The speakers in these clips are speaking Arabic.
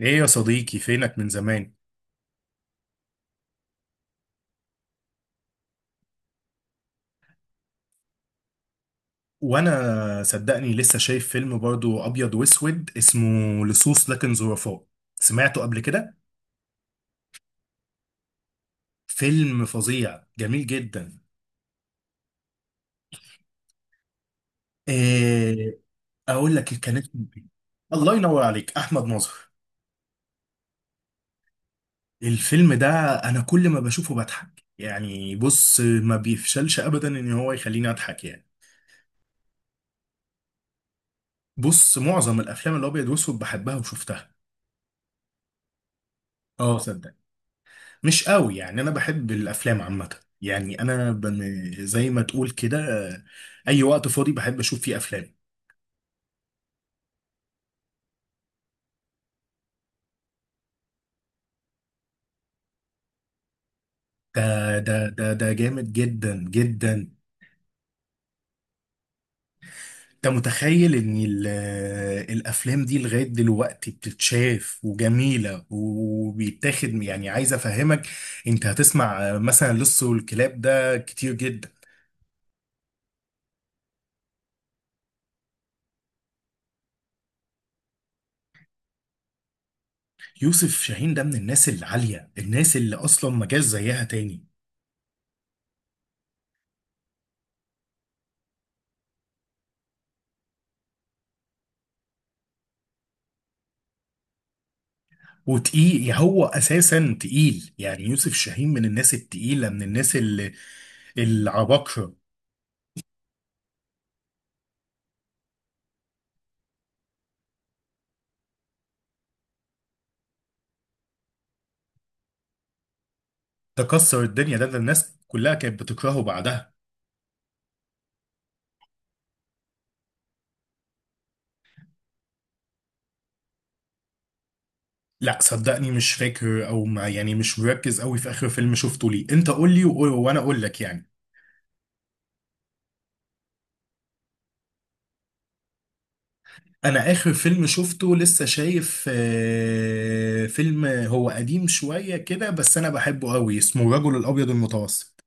ايه يا صديقي، فينك من زمان؟ وانا صدقني لسه شايف فيلم برضو ابيض واسود اسمه لصوص لكن ظرفاء. سمعته قبل كده؟ فيلم فظيع، جميل جدا. إيه؟ اقول لك، كانت. الله ينور عليك، احمد ناظر. الفيلم ده، انا كل ما بشوفه بضحك يعني. بص، ما بيفشلش ابدا ان هو يخليني اضحك يعني. بص، معظم الافلام الابيض واسود بحبها وشفتها. اه، صدق. مش قوي يعني، انا بحب الافلام عامه يعني. زي ما تقول كده. آه، اي وقت فاضي بحب اشوف فيه افلام. ده جامد جدا جدا. انت متخيل ان الافلام دي لغايه دلوقتي بتتشاف وجميله، وبيتاخد يعني، عايز افهمك. انت هتسمع مثلا لص والكلاب ده كتير جدا. يوسف شاهين ده من الناس العاليه، الناس اللي اصلا ما جاش زيها تاني. وتقيل يعني، هو اساسا تقيل. يعني يوسف شاهين من الناس التقيله، من الناس اللي العباقره. تكسر الدنيا ده الناس كلها كانت بتكرهه بعدها. لا صدقني، مش فاكر، او ما يعني مش مركز قوي في اخر فيلم شفته ليه. انت قول لي وانا اقول لك يعني. انا اخر فيلم شفته لسه شايف فيلم هو قديم شويه كده بس انا بحبه قوي، اسمه الرجل الابيض المتوسط،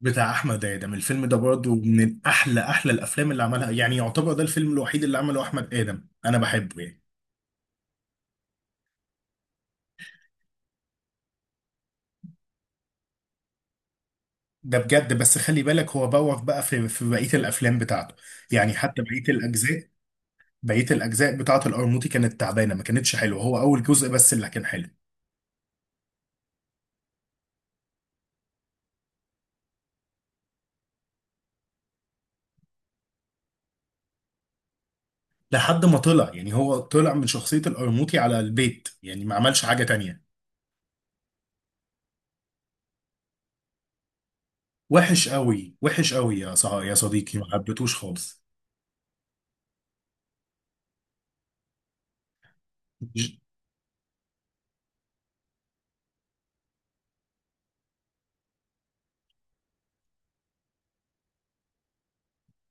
بتاع احمد ادم. الفيلم ده برضه من احلى احلى الافلام اللي عملها، يعني يعتبر ده الفيلم الوحيد اللي عمله احمد ادم. انا بحبه يعني، ده بجد. بس خلي بالك، هو بوخ بقى في بقيه الافلام بتاعته. يعني حتى بقيه الاجزاء، بقيه الاجزاء بتاعه القرموطي كانت تعبانه، ما كانتش حلوه. هو اول جزء بس اللي كان حلو. لحد ما طلع، يعني هو طلع من شخصيه القرموطي على البيت، يعني ما عملش حاجه تانية. وحش قوي، وحش قوي، يا صح يا صديقي، ما حبيتهوش خالص.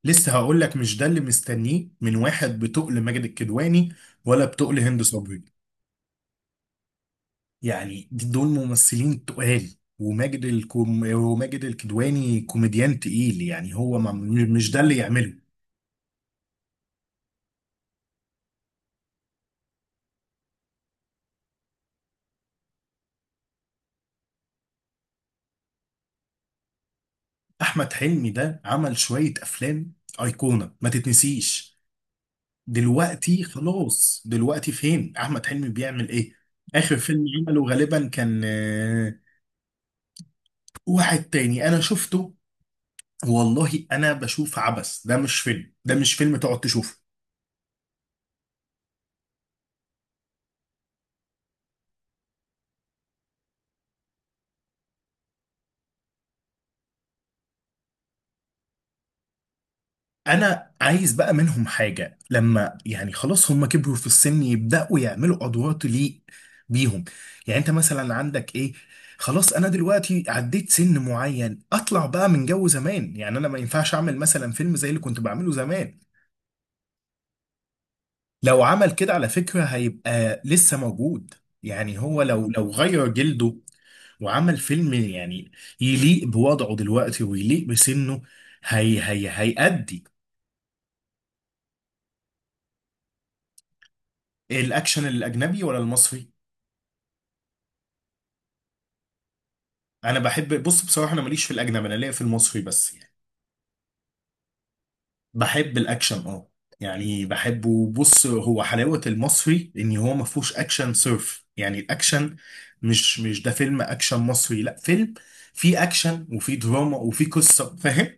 لسه هقول لك، مش ده اللي مستنيه من واحد بتقل ماجد الكدواني، ولا بتقل هند صبري. يعني دول ممثلين تقال. وماجد الكدواني كوميديان تقيل. يعني هو ما... م- مش ده اللي يعمله. احمد حلمي ده عمل شوية افلام ايقونة، ما تتنسيش. دلوقتي خلاص، دلوقتي فين احمد حلمي؟ بيعمل ايه؟ اخر فيلم عمله غالبا كان. واحد تاني انا شفته. والله انا بشوف عبث، ده مش فيلم، ده مش فيلم تقعد تشوفه. انا عايز بقى منهم حاجة، لما يعني خلاص هم كبروا في السن، يبدأوا يعملوا ادوار تليق بيهم. يعني انت مثلا عندك ايه؟ خلاص انا دلوقتي عديت سن معين، اطلع بقى من جو زمان. يعني انا ما ينفعش اعمل مثلا فيلم زي اللي كنت بعمله زمان. لو عمل كده على فكرة هيبقى لسه موجود. يعني هو لو غير جلده وعمل فيلم يعني يليق بوضعه دلوقتي ويليق بسنه، هي هيأدي. الأكشن الأجنبي ولا المصري؟ أنا بحب، بص بصراحة أنا ماليش في الأجنبي، أنا ليا في المصري بس يعني. بحب الاكشن، اه. يعني بحبه. بص، هو حلاوة المصري ان هو ما فيهوش اكشن صرف. يعني الاكشن مش ده فيلم اكشن مصري. لا، فيلم فيه اكشن وفيه دراما وفيه قصة، فاهم؟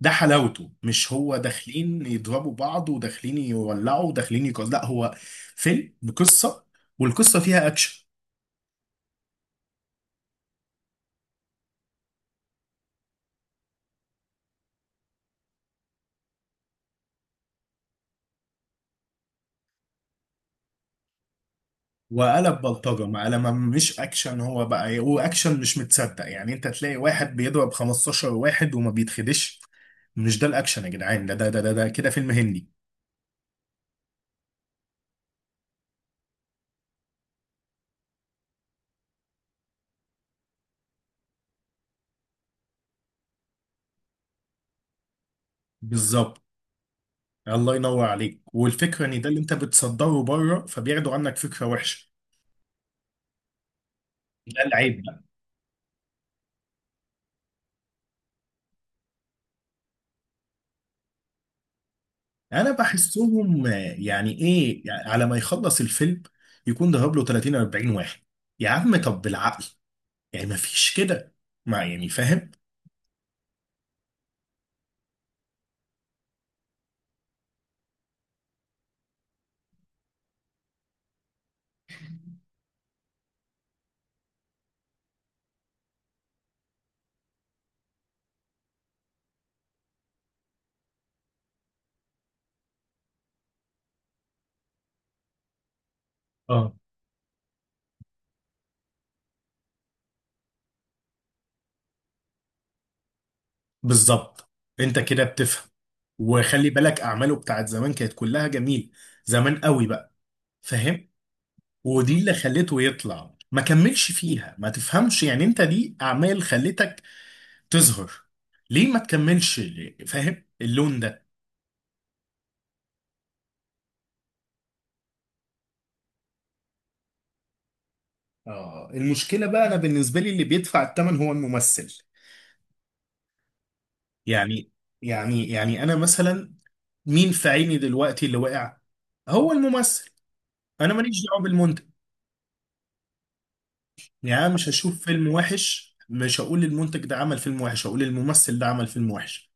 ده حلاوته. مش هو داخلين يضربوا بعض وداخلين يولعوا وداخلين يكسروا. لا، هو فيلم بقصة، والقصة فيها اكشن. وقلب بلطجة ما، لما مش اكشن. هو بقى إيه، هو اكشن مش متصدق. يعني انت تلاقي واحد بيضرب 15 واحد وما بيتخدش. مش ده الاكشن يا جدعان، ده كده فيلم هندي. بالظبط. الله ينور عليك. والفكره ان ده اللي انت بتصدره بره، فبياخدوا عنك فكره وحشه. ده العيب بقى. انا بحسهم يعني ايه؟ يعني على ما يخلص الفيلم يكون ضرب له 30 40 واحد. يا عم طب بالعقل، يعني ما فيش كده، ما يعني، فاهم؟ اه، بالظبط. انت كده بتفهم. وخلي بالك، اعماله بتاعت زمان كانت كلها جميله، زمان قوي بقى، فاهم؟ ودي اللي خليته يطلع. ما كملش فيها، ما تفهمش؟ يعني انت دي اعمال خلتك تظهر، ليه ما تكملش ليه؟ فاهم اللون ده؟ اه المشكلة بقى، انا بالنسبة لي اللي بيدفع الثمن هو الممثل. يعني يعني انا مثلا، مين في عيني دلوقتي اللي وقع؟ هو الممثل، انا ماليش دعوة بالمنتج. يعني انا مش هشوف فيلم وحش مش هقول المنتج ده عمل فيلم وحش، هقول الممثل ده عمل فيلم وحش.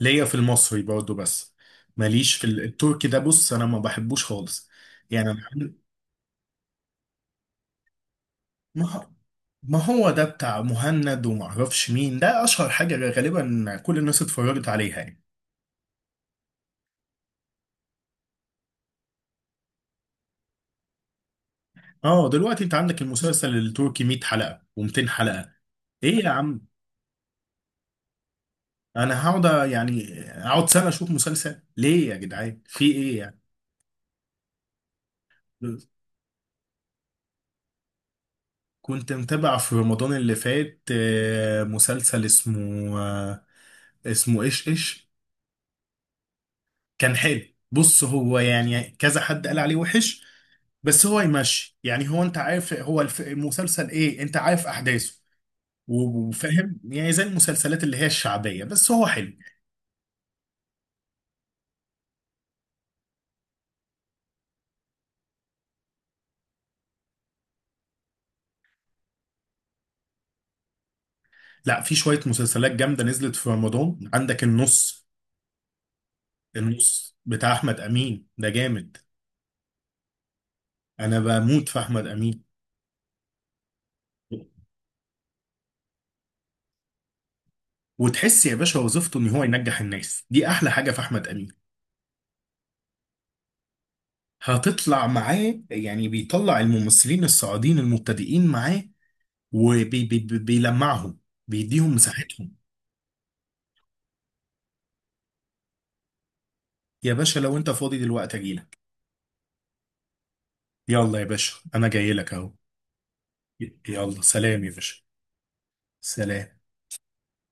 ليا في المصري برضه بس، ماليش في التركي. ده بص انا ما بحبوش خالص. يعني أنا. ما هو ما هو ده بتاع مهند وما اعرفش مين، ده اشهر حاجة غالبا كل الناس اتفرجت عليها يعني. اه دلوقتي انت عندك المسلسل التركي 100 حلقة و200 حلقة. ايه يا عم؟ انا يعني اقعد سنة اشوف مسلسل ليه يا جدعان، في ايه يعني؟ كنت متابع في رمضان اللي فات مسلسل اسمه اسمه ايش ايش. كان حلو. بص هو يعني كذا حد قال عليه وحش بس هو يمشي. يعني هو انت عارف، هو المسلسل ايه، انت عارف احداثه و- وفاهم، يعني زي المسلسلات اللي هي الشعبية. بس هو حلو. لا في شوية مسلسلات جامدة نزلت في رمضان، عندك النص. النص بتاع احمد امين ده جامد. انا بموت في احمد امين. وتحس يا باشا وظيفته ان هو ينجح الناس، دي احلى حاجة في احمد امين. هتطلع معاه، يعني بيطلع الممثلين الصاعدين المبتدئين معاه وبيلمعهم، بيديهم مساحتهم. يا باشا لو انت فاضي دلوقتي اجيلك. يلا يا باشا انا جاي لك اهو. يلا سلام يا باشا. سلام.